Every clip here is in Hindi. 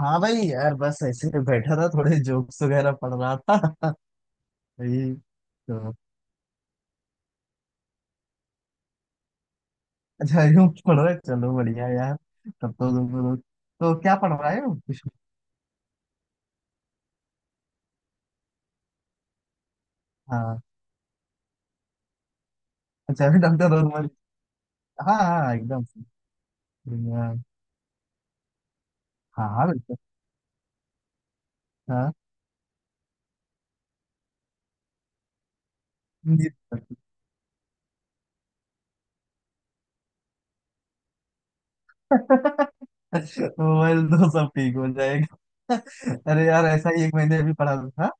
हाँ भाई, यार बस ऐसे ही बैठा था, थोड़े जोक्स वगैरह पढ़ रहा था। वही तो। अच्छा, यूं पढ़ रहे, चलो बढ़िया यार। तब तो तुम लोग। तो क्या पढ़ रहे हो कुछ? हाँ। अच्छा, डॉक्टर रोजमर्री। हाँ हाँ एकदम सही। बढ़िया। हाँ हाँ बिल्कुल। हाँ जी। मोबाइल तो सब ठीक हो जाएगा। अरे यार, ऐसा ही एक मैंने अभी पढ़ा था।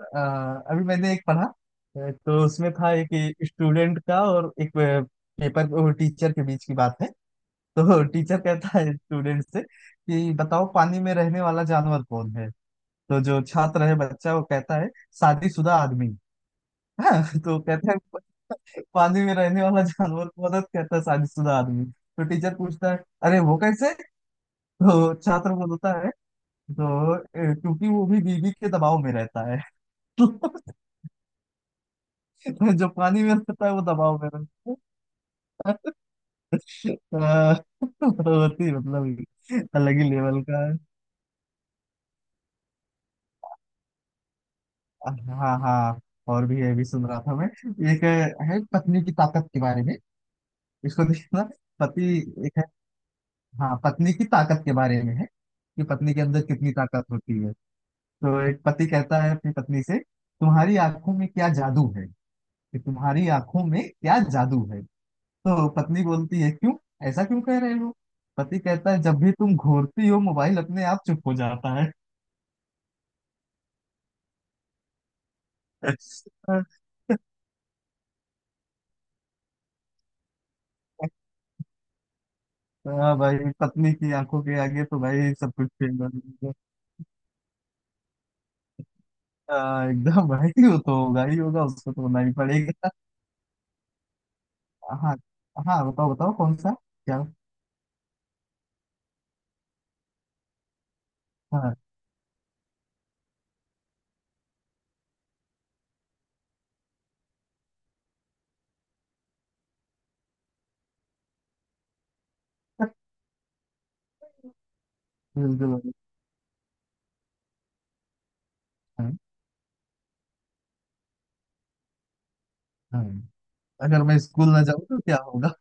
अभी मैंने एक पढ़ा, तो उसमें था एक स्टूडेंट का और एक पेपर टीचर के बीच की बात है। तो टीचर कहता है स्टूडेंट से कि बताओ, पानी में रहने वाला जानवर कौन है? तो जो छात्र है, बच्चा, वो कहता है शादीशुदा आदमी। हाँ, तो कहता है पानी में रहने वाला जानवर कौन है?" तो कहता है शादीशुदा आदमी। तो टीचर पूछता है अरे वो कैसे? तो छात्र बोलता है, तो क्योंकि वो भी बीवी के दबाव में रहता है।" तो जो पानी में रहता है वो दबाव में रहता है। अ, बहुत ही मतलब अलग ही लेवल का है। हाँ हाँ। और भी ये भी सुन रहा था मैं। एक है पत्नी की ताकत के बारे में। इसको देखना। पति। एक है। हाँ, पत्नी की ताकत के बारे में है कि पत्नी के अंदर कितनी ताकत होती है। तो एक पति कहता है अपनी पत्नी से, तुम्हारी आंखों में क्या जादू है? कि तुम्हारी आंखों में क्या जादू है? तो पत्नी बोलती है क्यों, ऐसा क्यों कह रहे हो? पति कहता है जब भी तुम घूरती हो, मोबाइल अपने आप चुप हो जाता है। हाँ भाई। पत्नी की आंखों के आगे तो भाई सब कुछ फेल हो जाएगा। हाँ, एकदम भाई, वो तो होगा ही होगा, उसको तो होना ही पड़ेगा। हाँ हाँ, बताओ बताओ कौन सा? क्या? हाँ बिल्कुल बिल्कुल। हाँ हाँ। अगर मैं स्कूल ना जाऊँ तो क्या होगा?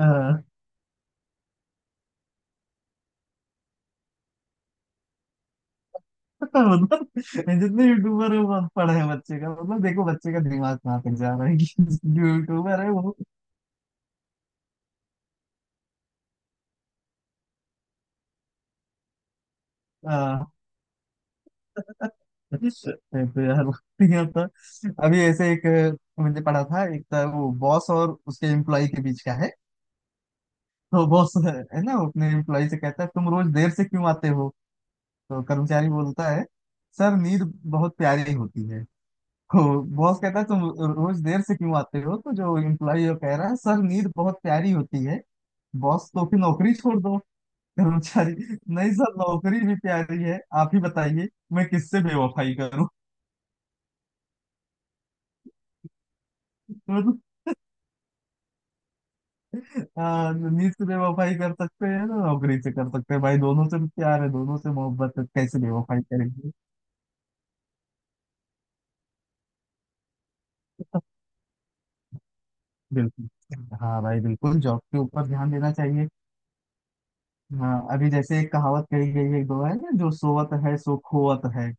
हाँ हाँ, मतलब जितने यूट्यूबर है वो अनपढ़ है बच्चे का मतलब, देखो बच्चे का दिमाग कहाँ तक जा रहा है कि जो यूट्यूबर है वो। हाँ। यार यहाँ तो अभी ऐसे एक मैंने पढ़ा था, एक था वो बॉस और उसके एम्प्लॉय के बीच का है। तो बॉस है ना, वो अपने एम्प्लॉय से कहता है तुम रोज देर से क्यों आते हो? तो कर्मचारी बोलता है सर नींद बहुत प्यारी होती है। तो बॉस कहता है तुम रोज देर से क्यों आते हो? तो जो एम्प्लॉय वो कह रहा है सर नींद बहुत प्यारी होती है। बॉस, तो फिर नौकरी छोड़ दो। कर्मचारी, नहीं सर, नौकरी भी प्यारी है, आप ही बताइए मैं किससे बेवफाई करूं? तो हाँ, तो नीच से बेवफाई कर सकते हैं ना, नौकरी से कर सकते हैं, भाई दोनों से प्यार है, दोनों से मोहब्बत है, कैसे बेवफाई करेंगे? बिल्कुल। हाँ भाई, बिल्कुल जॉब के ऊपर ध्यान देना चाहिए। हाँ, अभी जैसे एक कहावत कही गई है एक दो है ना, जो सोवत है सो खोवत है।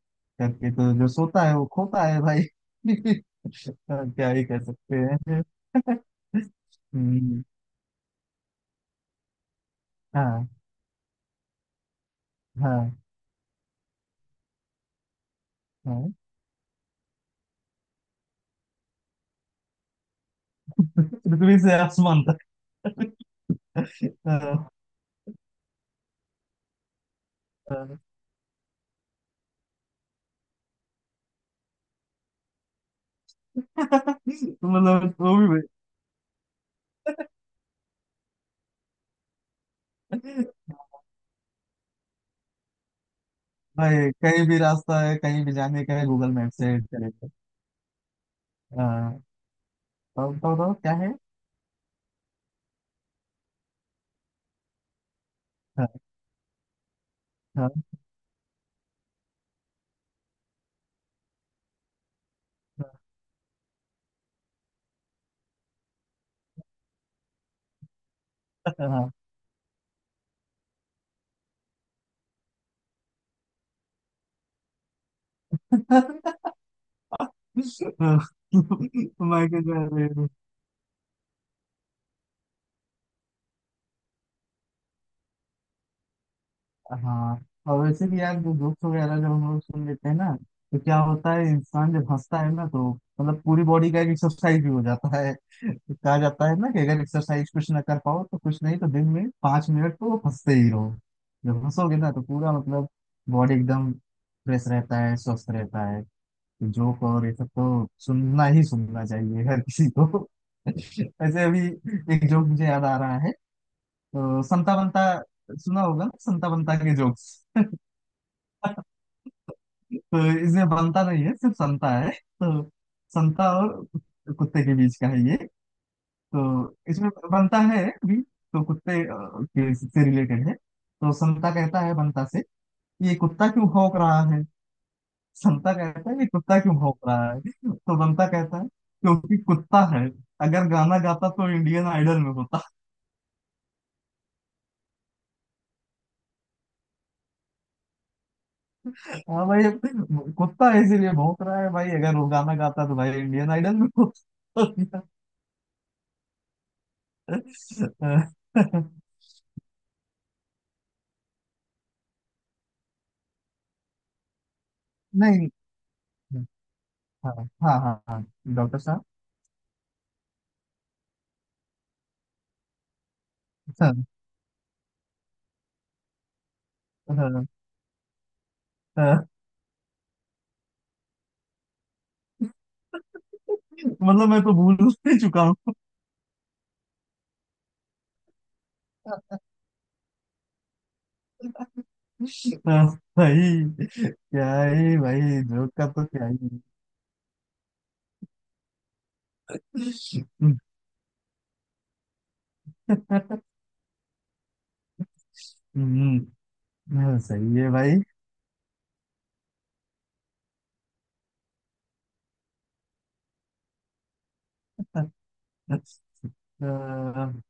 करके, तो जो सोता है वो खोता है भाई। हाँ, क्या ही कह सकते हैं। हम्म, हाँ हाँ हाँ। पृथ्वी से आसमान तक। हाँ, हाँ। मतलब वो भी। भाई कहीं भी रास्ता है, कहीं भी जाने का है, गूगल मैप से चलेगा। हाँ। तो क्या है? हाँ हाँ हाँ। हाँ। मैं क्या कह रहा हूँ, हाँ, और वैसे भी यार जो जोक्स वगैरह जब हम लोग सुन लेते हैं ना, तो क्या होता है, इंसान जब हंसता है ना तो मतलब पूरी बॉडी का एक एक्सरसाइज भी हो जाता है। तो कहा जाता है ना कि अगर एक्सरसाइज कुछ ना कर पाओ तो कुछ नहीं तो दिन में 5 मिनट तो हंसते ही रहो। जब हंसोगे ना तो पूरा मतलब बॉडी एकदम फ्रेश रहता है, स्वस्थ रहता है। जोक और ये सब तो सुनना ही सुनना चाहिए हर किसी को। ऐसे अभी एक जोक मुझे याद आ रहा है। तो संता बंता, सुना होगा ना संता बंता के जोक्स? तो इसमें बनता नहीं है, सिर्फ संता है। तो संता और कुत्ते के बीच का है ये। तो इसमें बनता है भी, तो कुत्ते के से रिलेटेड है। तो संता कहता है बनता से ये कुत्ता क्यों भौंक रहा है? संता कहता है ये कुत्ता क्यों भौंक रहा है? तो बनता कहता है क्योंकि कुत्ता है, अगर गाना गाता तो इंडियन आइडल में होता। हाँ भाई, अब कुत्ता इसीलिए भौंक रहा है भाई, अगर वो गाना गाता तो भाई इंडियन आइडल में होता। नहीं। हम्म, हाँ हाँ हाँ। हाँ, डॉक्टर साहब। हाँ, हाँ, हाँ, मतलब मैं तो भूल ही चुका हूँ। हाँ, भाई क्या है भाई, जोक का तो क्या ही। हम्म। हाँ, सही है भाई। अह,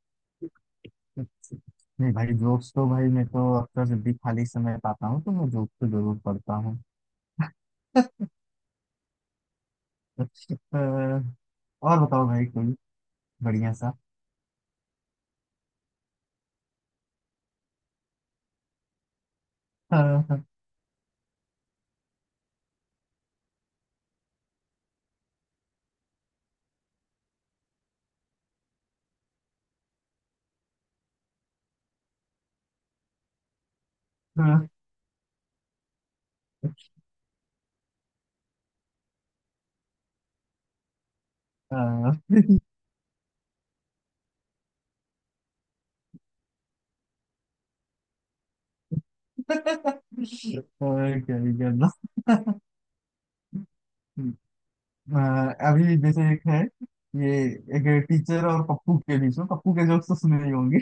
नहीं भाई, जोक्स तो भाई मैं तो अक्सर जब भी खाली समय पाता हूँ तो मैं जोक तो जरूर पढ़ता हूँ। अह, और बताओ भाई कोई बढ़िया सा। अह, अह, अह, और क्या ही करना। अभी जैसे एक है, ये एक टीचर और पप्पू के बीच में। पप्पू के जोक्स तो सुने ही होंगे।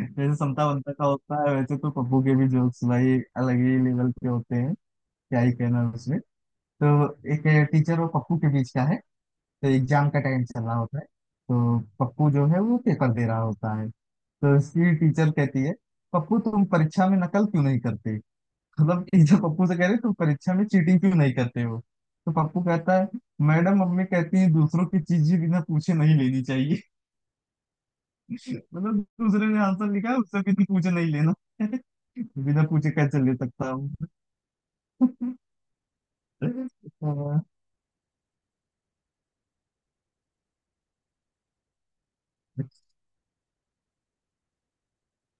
जैसे समता बनता का होता है, वैसे तो पप्पू के भी जोक्स भाई अलग ही लेवल के होते हैं। क्या ही कहना उसमें। तो एक टीचर और पप्पू के बीच का है। तो एग्जाम का टाइम चल रहा होता है। तो पप्पू जो है वो पेपर दे रहा होता है। तो उसकी टीचर कहती है पप्पू तुम परीक्षा में नकल क्यों नहीं करते? मतलब कि जब पप्पू से कह रहे तुम परीक्षा में चीटिंग क्यों नहीं करते हो? तो पप्पू कहता है मैडम मम्मी कहती है दूसरों की चीजें बिना पूछे नहीं लेनी चाहिए। मतलब दूसरे ने आंसर लिखा है उससे बिना पूछे नहीं लेना। बिना पूछे कैसे ले सकता हूँ?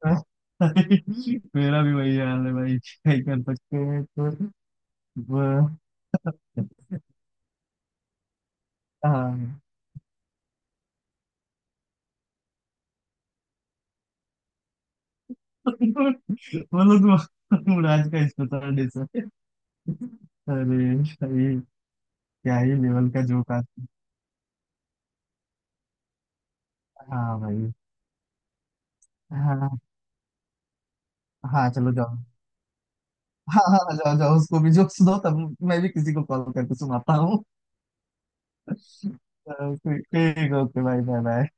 हाँ। मेरा भी वही हाल है भाई, क्या ही कर सकते हैं। तो वह- हाँ। मतलब तुम राज का स्पेशल डिश है? अरे भाई, क्या ही लेवल का जोक आज। हाँ भाई। हाँ हाँ, चलो जाओ। हाँ हाँ हाँ, जाओ जाओ उसको भी जोक सुनो तब, मैं भी किसी को कॉल करके सुनाता हूँ। तो ठीक ठीक, ओके भाई, बाय बाय।